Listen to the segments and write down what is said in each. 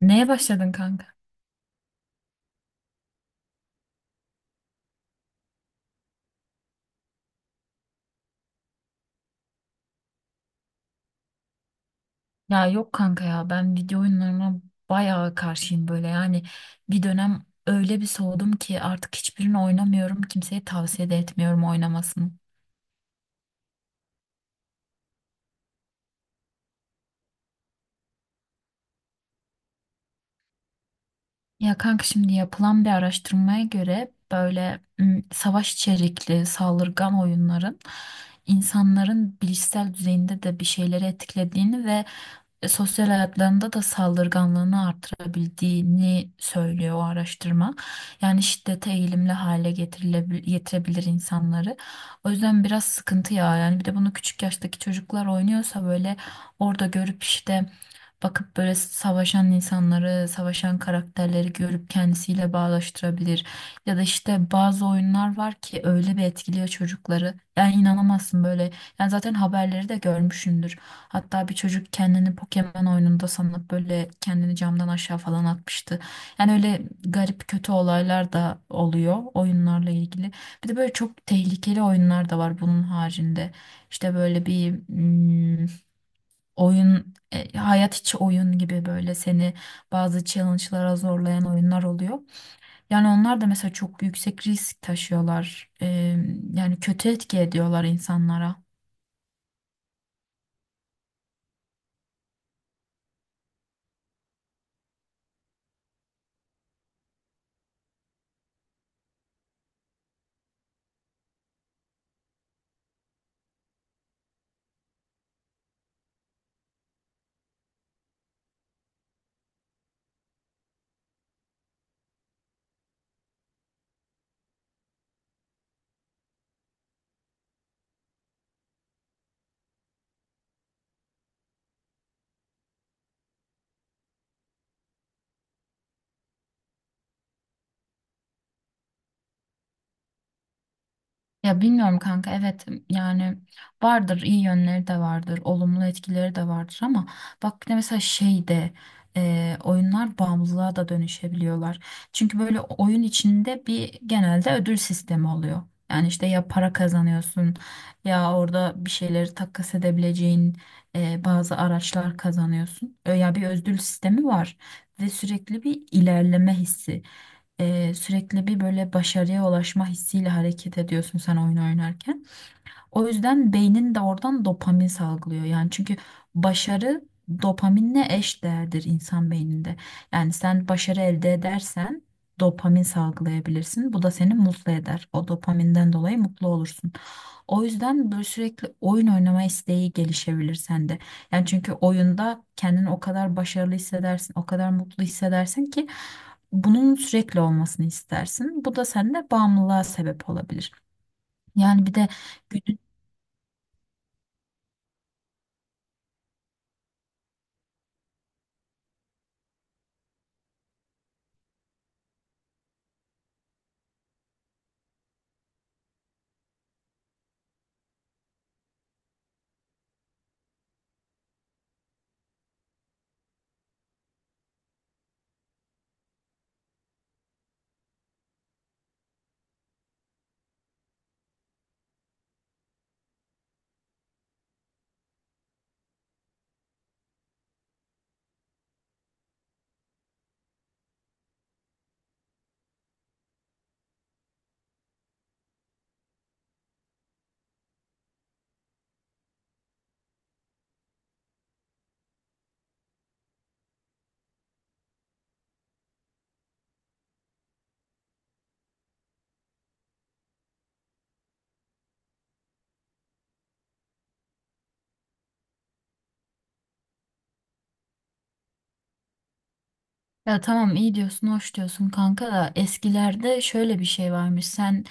Neye başladın kanka? Ya yok kanka ya ben video oyunlarına bayağı karşıyım böyle yani bir dönem öyle bir soğudum ki artık hiçbirini oynamıyorum kimseye tavsiye de etmiyorum oynamasını. Ya kanka şimdi yapılan bir araştırmaya göre böyle savaş içerikli saldırgan oyunların insanların bilişsel düzeyinde de bir şeyleri etkilediğini ve sosyal hayatlarında da saldırganlığını artırabildiğini söylüyor o araştırma. Yani şiddete eğilimli hale getirebilir insanları. O yüzden biraz sıkıntı ya, yani bir de bunu küçük yaştaki çocuklar oynuyorsa böyle orada görüp işte bakıp böyle savaşan insanları, savaşan karakterleri görüp kendisiyle bağdaştırabilir. Ya da işte bazı oyunlar var ki öyle bir etkiliyor çocukları. Yani inanamazsın böyle. Yani zaten haberleri de görmüşsündür. Hatta bir çocuk kendini Pokemon oyununda sanıp böyle kendini camdan aşağı falan atmıştı. Yani öyle garip kötü olaylar da oluyor oyunlarla ilgili. Bir de böyle çok tehlikeli oyunlar da var bunun haricinde. İşte böyle bir oyun, hayat içi oyun gibi böyle seni bazı challenge'lara zorlayan oyunlar oluyor. Yani onlar da mesela çok yüksek risk taşıyorlar. Yani kötü etki ediyorlar insanlara. Ya bilmiyorum kanka, evet yani vardır, iyi yönleri de vardır, olumlu etkileri de vardır ama bak bir de mesela şeyde, oyunlar bağımlılığa da dönüşebiliyorlar. Çünkü böyle oyun içinde bir genelde ödül sistemi oluyor. Yani işte ya para kazanıyorsun ya orada bir şeyleri takas edebileceğin bazı araçlar kazanıyorsun. Ya bir ödül sistemi var ve sürekli bir ilerleme hissi, sürekli bir böyle başarıya ulaşma hissiyle hareket ediyorsun sen oyun oynarken. O yüzden beynin de oradan dopamin salgılıyor. Yani çünkü başarı dopaminle eş değerdir insan beyninde. Yani sen başarı elde edersen dopamin salgılayabilirsin. Bu da seni mutlu eder. O dopaminden dolayı mutlu olursun. O yüzden böyle sürekli oyun oynama isteği gelişebilir sende. Yani çünkü oyunda kendini o kadar başarılı hissedersin, o kadar mutlu hissedersin ki bunun sürekli olmasını istersin. Bu da sende bağımlılığa sebep olabilir. Yani bir de. Ya tamam iyi diyorsun, hoş diyorsun kanka da eskilerde şöyle bir şey varmış. Sen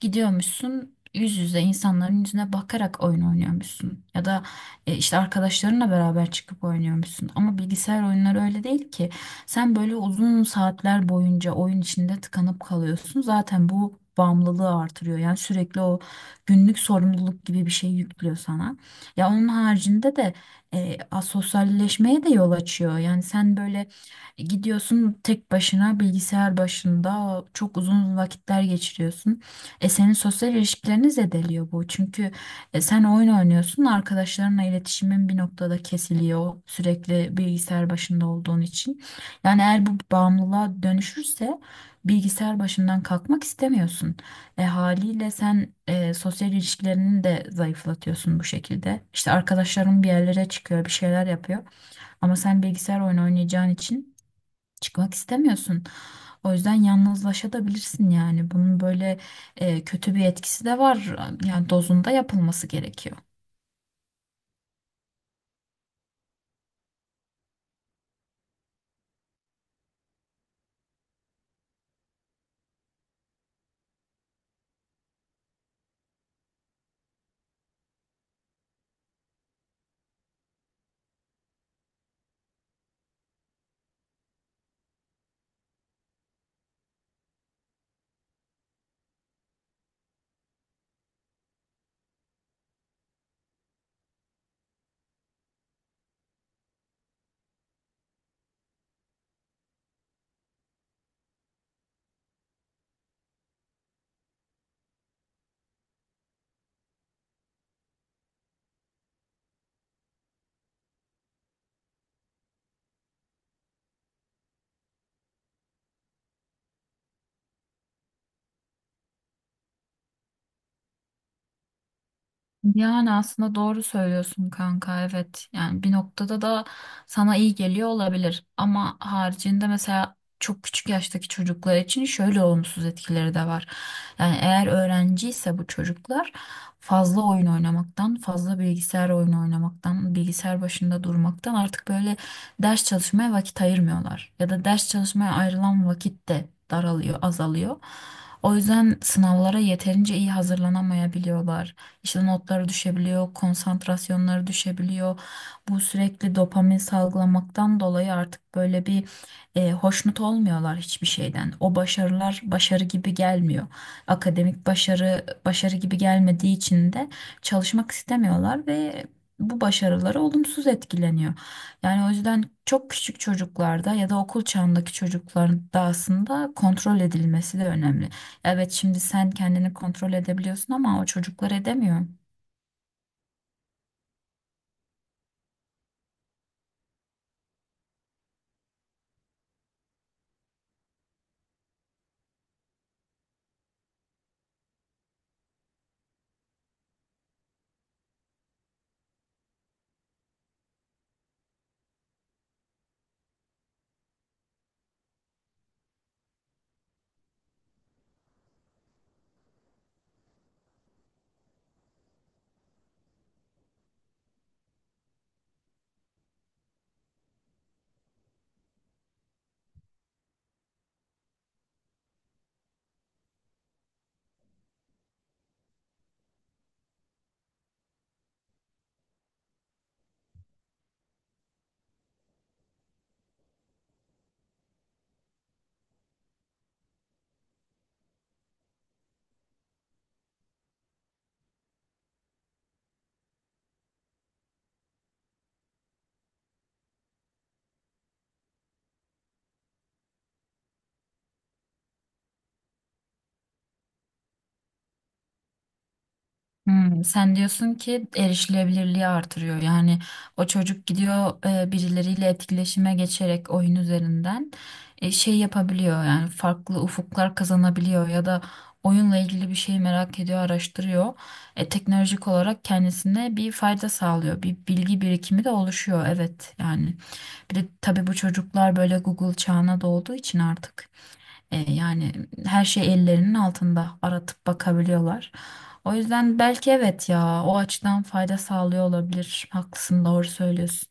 gidiyormuşsun yüz yüze insanların yüzüne bakarak oyun oynuyormuşsun. Ya da işte arkadaşlarınla beraber çıkıp oynuyormuşsun. Ama bilgisayar oyunları öyle değil ki. Sen böyle uzun saatler boyunca oyun içinde tıkanıp kalıyorsun. Zaten bu bağımlılığı artırıyor. Yani sürekli o günlük sorumluluk gibi bir şey yüklüyor sana. Ya onun haricinde de asosyalleşmeye de yol açıyor. Yani sen böyle gidiyorsun, tek başına bilgisayar başında çok uzun vakitler geçiriyorsun. E, senin sosyal ilişkilerini zedeliyor bu. Çünkü sen oyun oynuyorsun, arkadaşlarınla iletişimin bir noktada kesiliyor sürekli bilgisayar başında olduğun için. Yani eğer bu bağımlılığa dönüşürse bilgisayar başından kalkmak istemiyorsun. E, haliyle sen sosyal ilişkilerini de zayıflatıyorsun bu şekilde. İşte arkadaşların bir yerlere çıkıyor, bir şeyler yapıyor ama sen bilgisayar oyunu oynayacağın için çıkmak istemiyorsun. O yüzden yalnızlaşabilirsin yani. Bunun böyle kötü bir etkisi de var. Yani dozunda yapılması gerekiyor. Yani aslında doğru söylüyorsun kanka, evet yani bir noktada da sana iyi geliyor olabilir ama haricinde mesela çok küçük yaştaki çocuklar için şöyle olumsuz etkileri de var. Yani eğer öğrenciyse bu çocuklar fazla oyun oynamaktan, fazla bilgisayar oyunu oynamaktan, bilgisayar başında durmaktan artık böyle ders çalışmaya vakit ayırmıyorlar. Ya da ders çalışmaya ayrılan vakit de daralıyor, azalıyor. O yüzden sınavlara yeterince iyi hazırlanamayabiliyorlar. İşte notları düşebiliyor, konsantrasyonları düşebiliyor. Bu sürekli dopamin salgılamaktan dolayı artık böyle bir hoşnut olmuyorlar hiçbir şeyden. O başarılar başarı gibi gelmiyor. Akademik başarı başarı gibi gelmediği için de çalışmak istemiyorlar ve bu başarıları olumsuz etkileniyor. Yani o yüzden çok küçük çocuklarda ya da okul çağındaki çocukların da aslında kontrol edilmesi de önemli. Evet, şimdi sen kendini kontrol edebiliyorsun ama o çocuklar edemiyor. Hmm, sen diyorsun ki erişilebilirliği artırıyor. Yani o çocuk gidiyor birileriyle etkileşime geçerek oyun üzerinden şey yapabiliyor. Yani farklı ufuklar kazanabiliyor ya da oyunla ilgili bir şeyi merak ediyor, araştırıyor. E, teknolojik olarak kendisine bir fayda sağlıyor. Bir bilgi birikimi de oluşuyor. Evet yani bir de tabii bu çocuklar böyle Google çağına doğduğu için artık. E, yani her şey ellerinin altında, aratıp bakabiliyorlar. O yüzden belki evet ya o açıdan fayda sağlıyor olabilir. Haklısın, doğru söylüyorsun.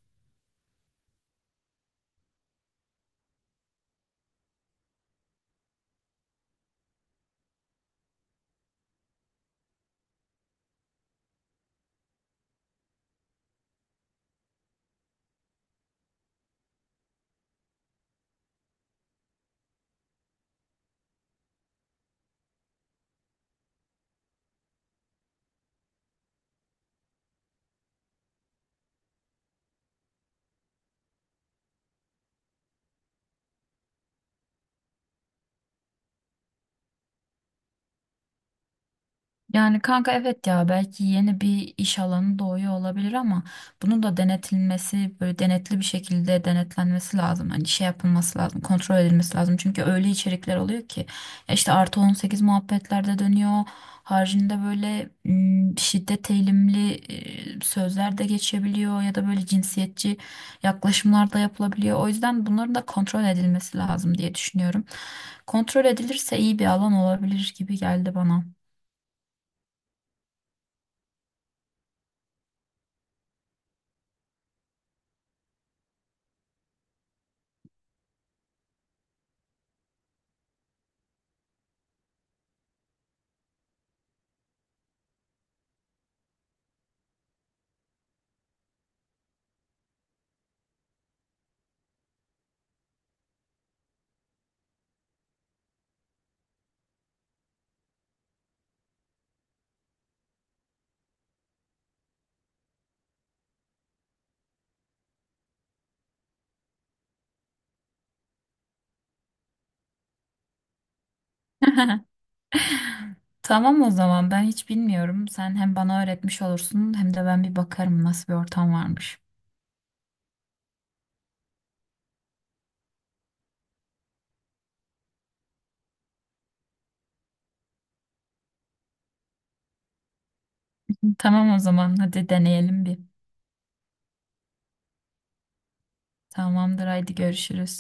Yani kanka, evet ya belki yeni bir iş alanı doğuyor olabilir ama bunun da denetilmesi, böyle denetli bir şekilde denetlenmesi lazım. Hani şey yapılması lazım, kontrol edilmesi lazım. Çünkü öyle içerikler oluyor ki ya işte +18 muhabbetlerde dönüyor. Haricinde böyle şiddet eğilimli sözler de geçebiliyor ya da böyle cinsiyetçi yaklaşımlar da yapılabiliyor. O yüzden bunların da kontrol edilmesi lazım diye düşünüyorum. Kontrol edilirse iyi bir alan olabilir gibi geldi bana. Tamam o zaman, ben hiç bilmiyorum. Sen hem bana öğretmiş olursun hem de ben bir bakarım nasıl bir ortam varmış. Tamam o zaman hadi deneyelim bir. Tamamdır, haydi görüşürüz.